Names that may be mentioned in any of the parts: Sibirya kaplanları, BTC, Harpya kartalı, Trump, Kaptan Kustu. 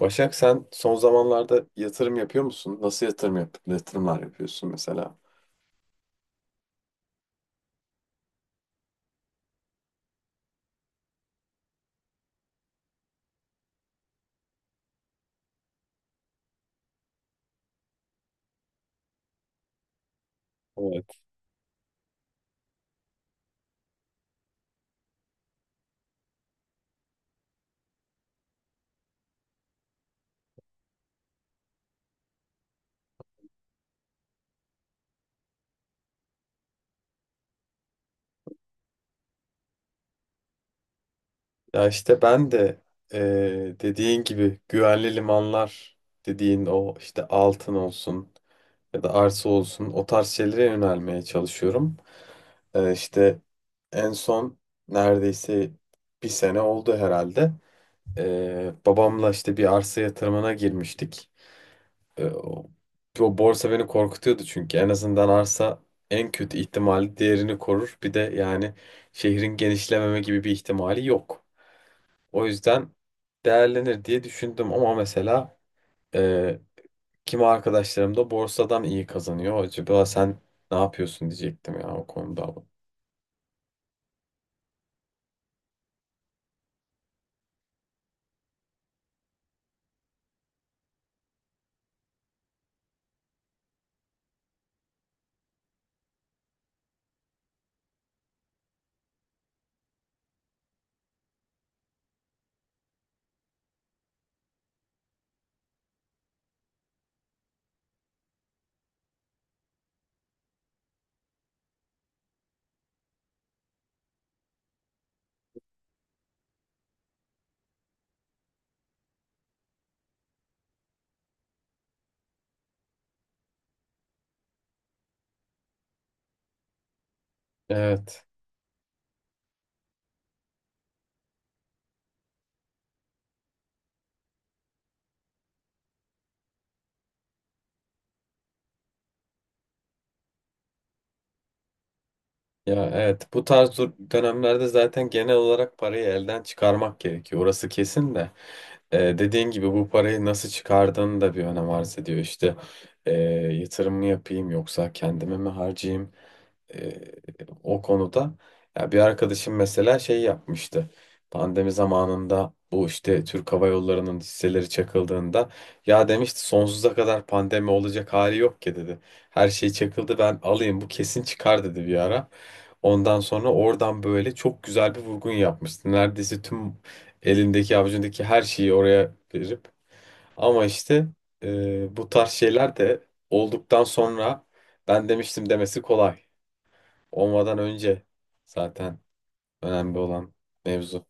Başak, sen son zamanlarda yatırım yapıyor musun? Nasıl yatırımlar yapıyorsun mesela? Evet. Ya işte ben de Dediğin gibi güvenli limanlar dediğin, o işte altın olsun ya da arsa olsun, o tarz şeylere yönelmeye çalışıyorum. İşte en son neredeyse bir sene oldu herhalde. Babamla işte bir arsa yatırımına girmiştik. E, o, O borsa beni korkutuyordu, çünkü en azından arsa en kötü ihtimali değerini korur. Bir de yani şehrin genişlememe gibi bir ihtimali yok. O yüzden değerlenir diye düşündüm. Ama mesela e, kimi arkadaşlarım da borsadan iyi kazanıyor. Acaba sen ne yapıyorsun diyecektim ya o konuda. Evet. Bu tarz dönemlerde zaten genel olarak parayı elden çıkarmak gerekiyor. Orası kesin de. Dediğin gibi bu parayı nasıl çıkardığın da bir önem arz ediyor. Ee, Yatırım mı yapayım yoksa kendime mi harcayayım? e, o konuda. Ya bir arkadaşım mesela şey yapmıştı. Pandemi zamanında bu işte Türk Hava Yolları'nın hisseleri çakıldığında ya demişti, sonsuza kadar pandemi olacak hali yok ki dedi. Her şey çakıldı, ben alayım, bu kesin çıkar dedi bir ara. Ondan sonra oradan böyle çok güzel bir vurgun yapmıştı. Neredeyse tüm elindeki avucundaki her şeyi oraya verip, ama işte bu tarz şeyler de olduktan sonra ben demiştim demesi kolay. Olmadan önce zaten önemli olan mevzu.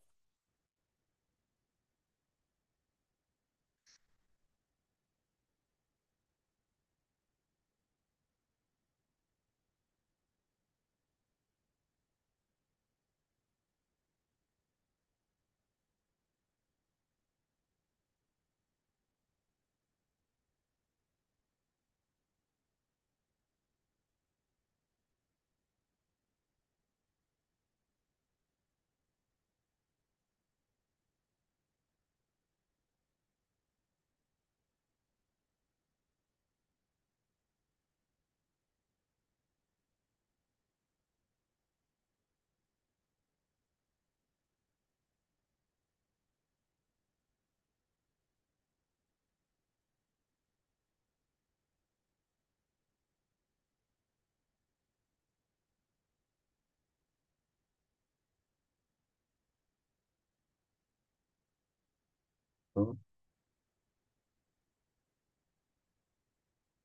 Hı?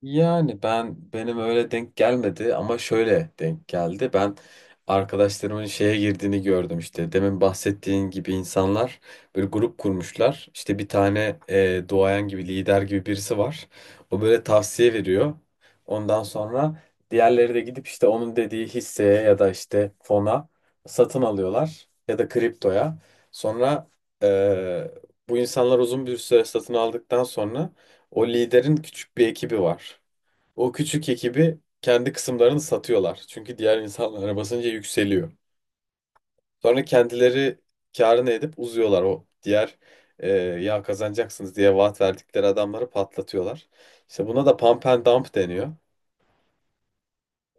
Yani ben benim öyle denk gelmedi ama şöyle denk geldi. Ben arkadaşlarımın şeye girdiğini gördüm işte. Demin bahsettiğin gibi insanlar böyle grup kurmuşlar. İşte bir tane duayen gibi, lider gibi birisi var. O böyle tavsiye veriyor. Ondan sonra diğerleri de gidip işte onun dediği hisseye ya da işte fona satın alıyorlar ya da kriptoya. Sonra e, bu insanlar uzun bir süre satın aldıktan sonra o liderin küçük bir ekibi var. O küçük ekibi kendi kısımlarını satıyorlar, çünkü diğer insanlara basınca yükseliyor. Sonra kendileri kârını edip uzuyorlar. O diğer, ya kazanacaksınız diye vaat verdikleri adamları patlatıyorlar. İşte buna da pump and dump deniyor.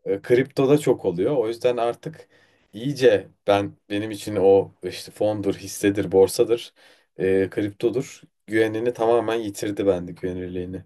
Kriptoda çok oluyor. O yüzden artık iyice benim için o işte fondur, hissedir, borsadır, kriptodur, güvenini tamamen yitirdi bende, güvenilirliğini.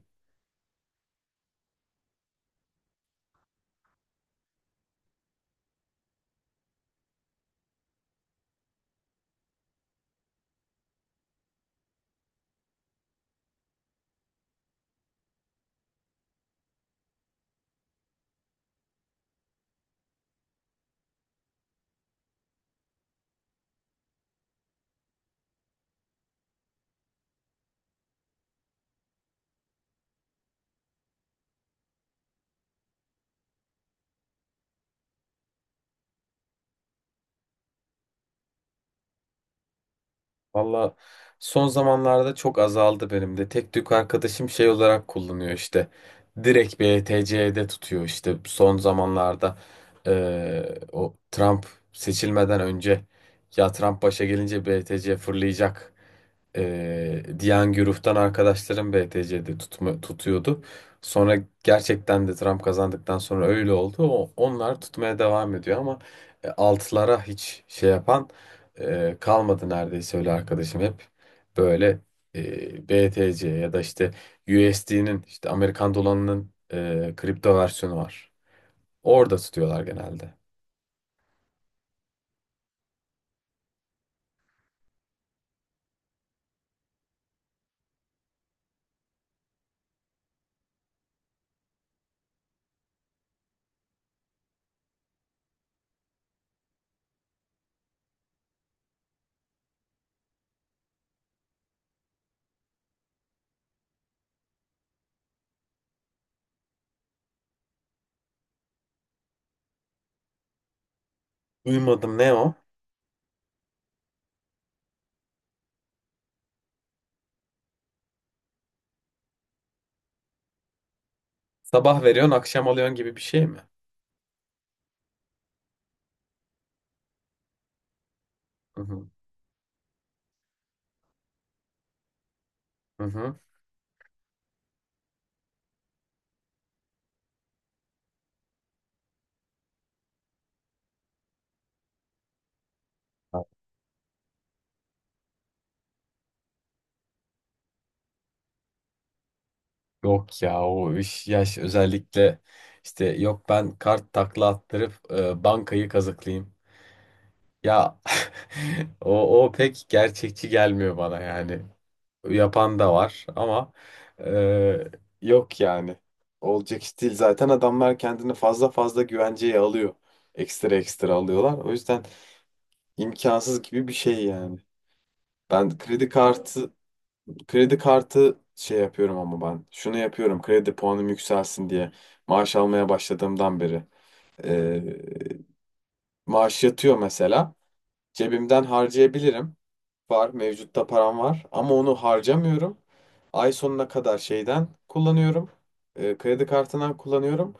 Valla son zamanlarda çok azaldı benim de. Tek tük arkadaşım şey olarak kullanıyor işte. Direkt BTC'de tutuyor işte. Son zamanlarda o Trump seçilmeden önce, ya Trump başa gelince BTC fırlayacak Diyangyuruf'tan arkadaşlarım BTC'de tutuyordu. Sonra gerçekten de Trump kazandıktan sonra öyle oldu. Onlar tutmaya devam ediyor. Ama altılara hiç şey yapan kalmadı neredeyse. Öyle arkadaşım hep böyle BTC ya da işte USD'nin, işte Amerikan dolarının, kripto versiyonu var. Orada tutuyorlar genelde. Duymadım, ne o? Sabah veriyorsun akşam alıyorsun gibi bir şey mi? Hı hı. Hı hı. Yok ya, o iş yaş özellikle. İşte yok, ben kart takla attırıp bankayı kazıklayayım. Ya o pek gerçekçi gelmiyor bana yani. Yapan da var ama e, yok yani. Olacak iş değil. Zaten adamlar kendini fazla fazla güvenceye alıyor. Ekstra ekstra alıyorlar. O yüzden imkansız gibi bir şey yani. Ben kredi kartı Kredi kartı şey yapıyorum ama ben. Şunu yapıyorum, kredi puanım yükselsin diye. Maaş almaya başladığımdan beri. Ee, Maaş yatıyor mesela. Cebimden harcayabilirim. Var, mevcutta param var. Ama onu harcamıyorum. Ay sonuna kadar şeyden kullanıyorum. Kredi kartından kullanıyorum.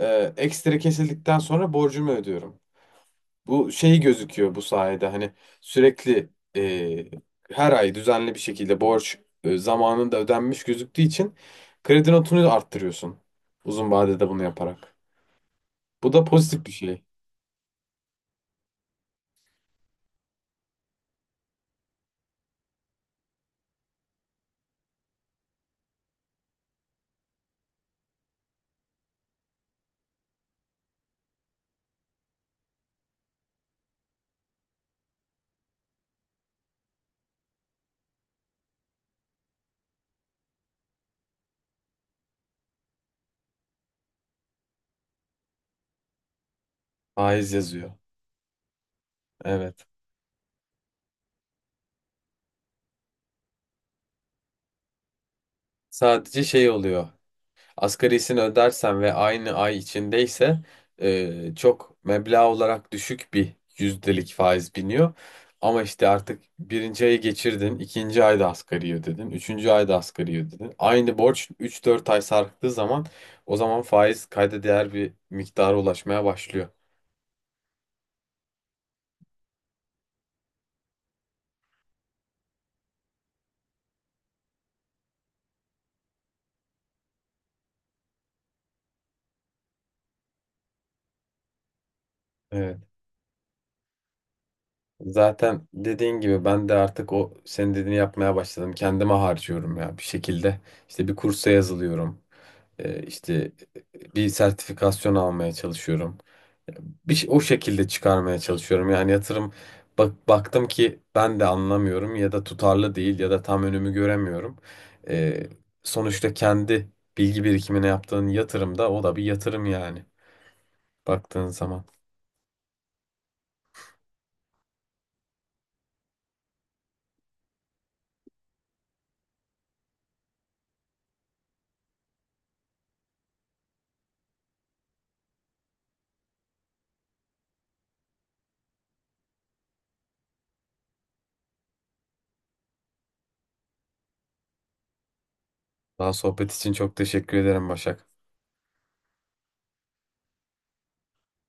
Ekstra kesildikten sonra borcumu ödüyorum. Bu şey gözüküyor bu sayede, hani sürekli her ay düzenli bir şekilde borç zamanında ödenmiş gözüktüğü için kredi notunu arttırıyorsun. Uzun vadede bunu yaparak. Bu da pozitif bir şey. Faiz yazıyor. Evet. Sadece şey oluyor. Asgarisini ödersen ve aynı ay içindeyse çok meblağ olarak düşük bir yüzdelik faiz biniyor. Ama işte artık birinci ayı geçirdin, ikinci ayda asgari ödedin, üçüncü ayda asgari ödedin. Aynı borç üç dört ay sarktığı zaman o zaman faiz kayda değer bir miktara ulaşmaya başlıyor. Evet. Zaten dediğin gibi ben de artık o senin dediğini yapmaya başladım. Kendime harcıyorum ya bir şekilde. İşte bir kursa yazılıyorum. E, işte bir sertifikasyon almaya çalışıyorum. O şekilde çıkarmaya çalışıyorum. Yani yatırım baktım ki ben de anlamıyorum ya da tutarlı değil ya da tam önümü göremiyorum. E, Sonuçta kendi bilgi birikimine yaptığın yatırım da, o da bir yatırım yani baktığın zaman. Daha sohbet için çok teşekkür ederim Başak.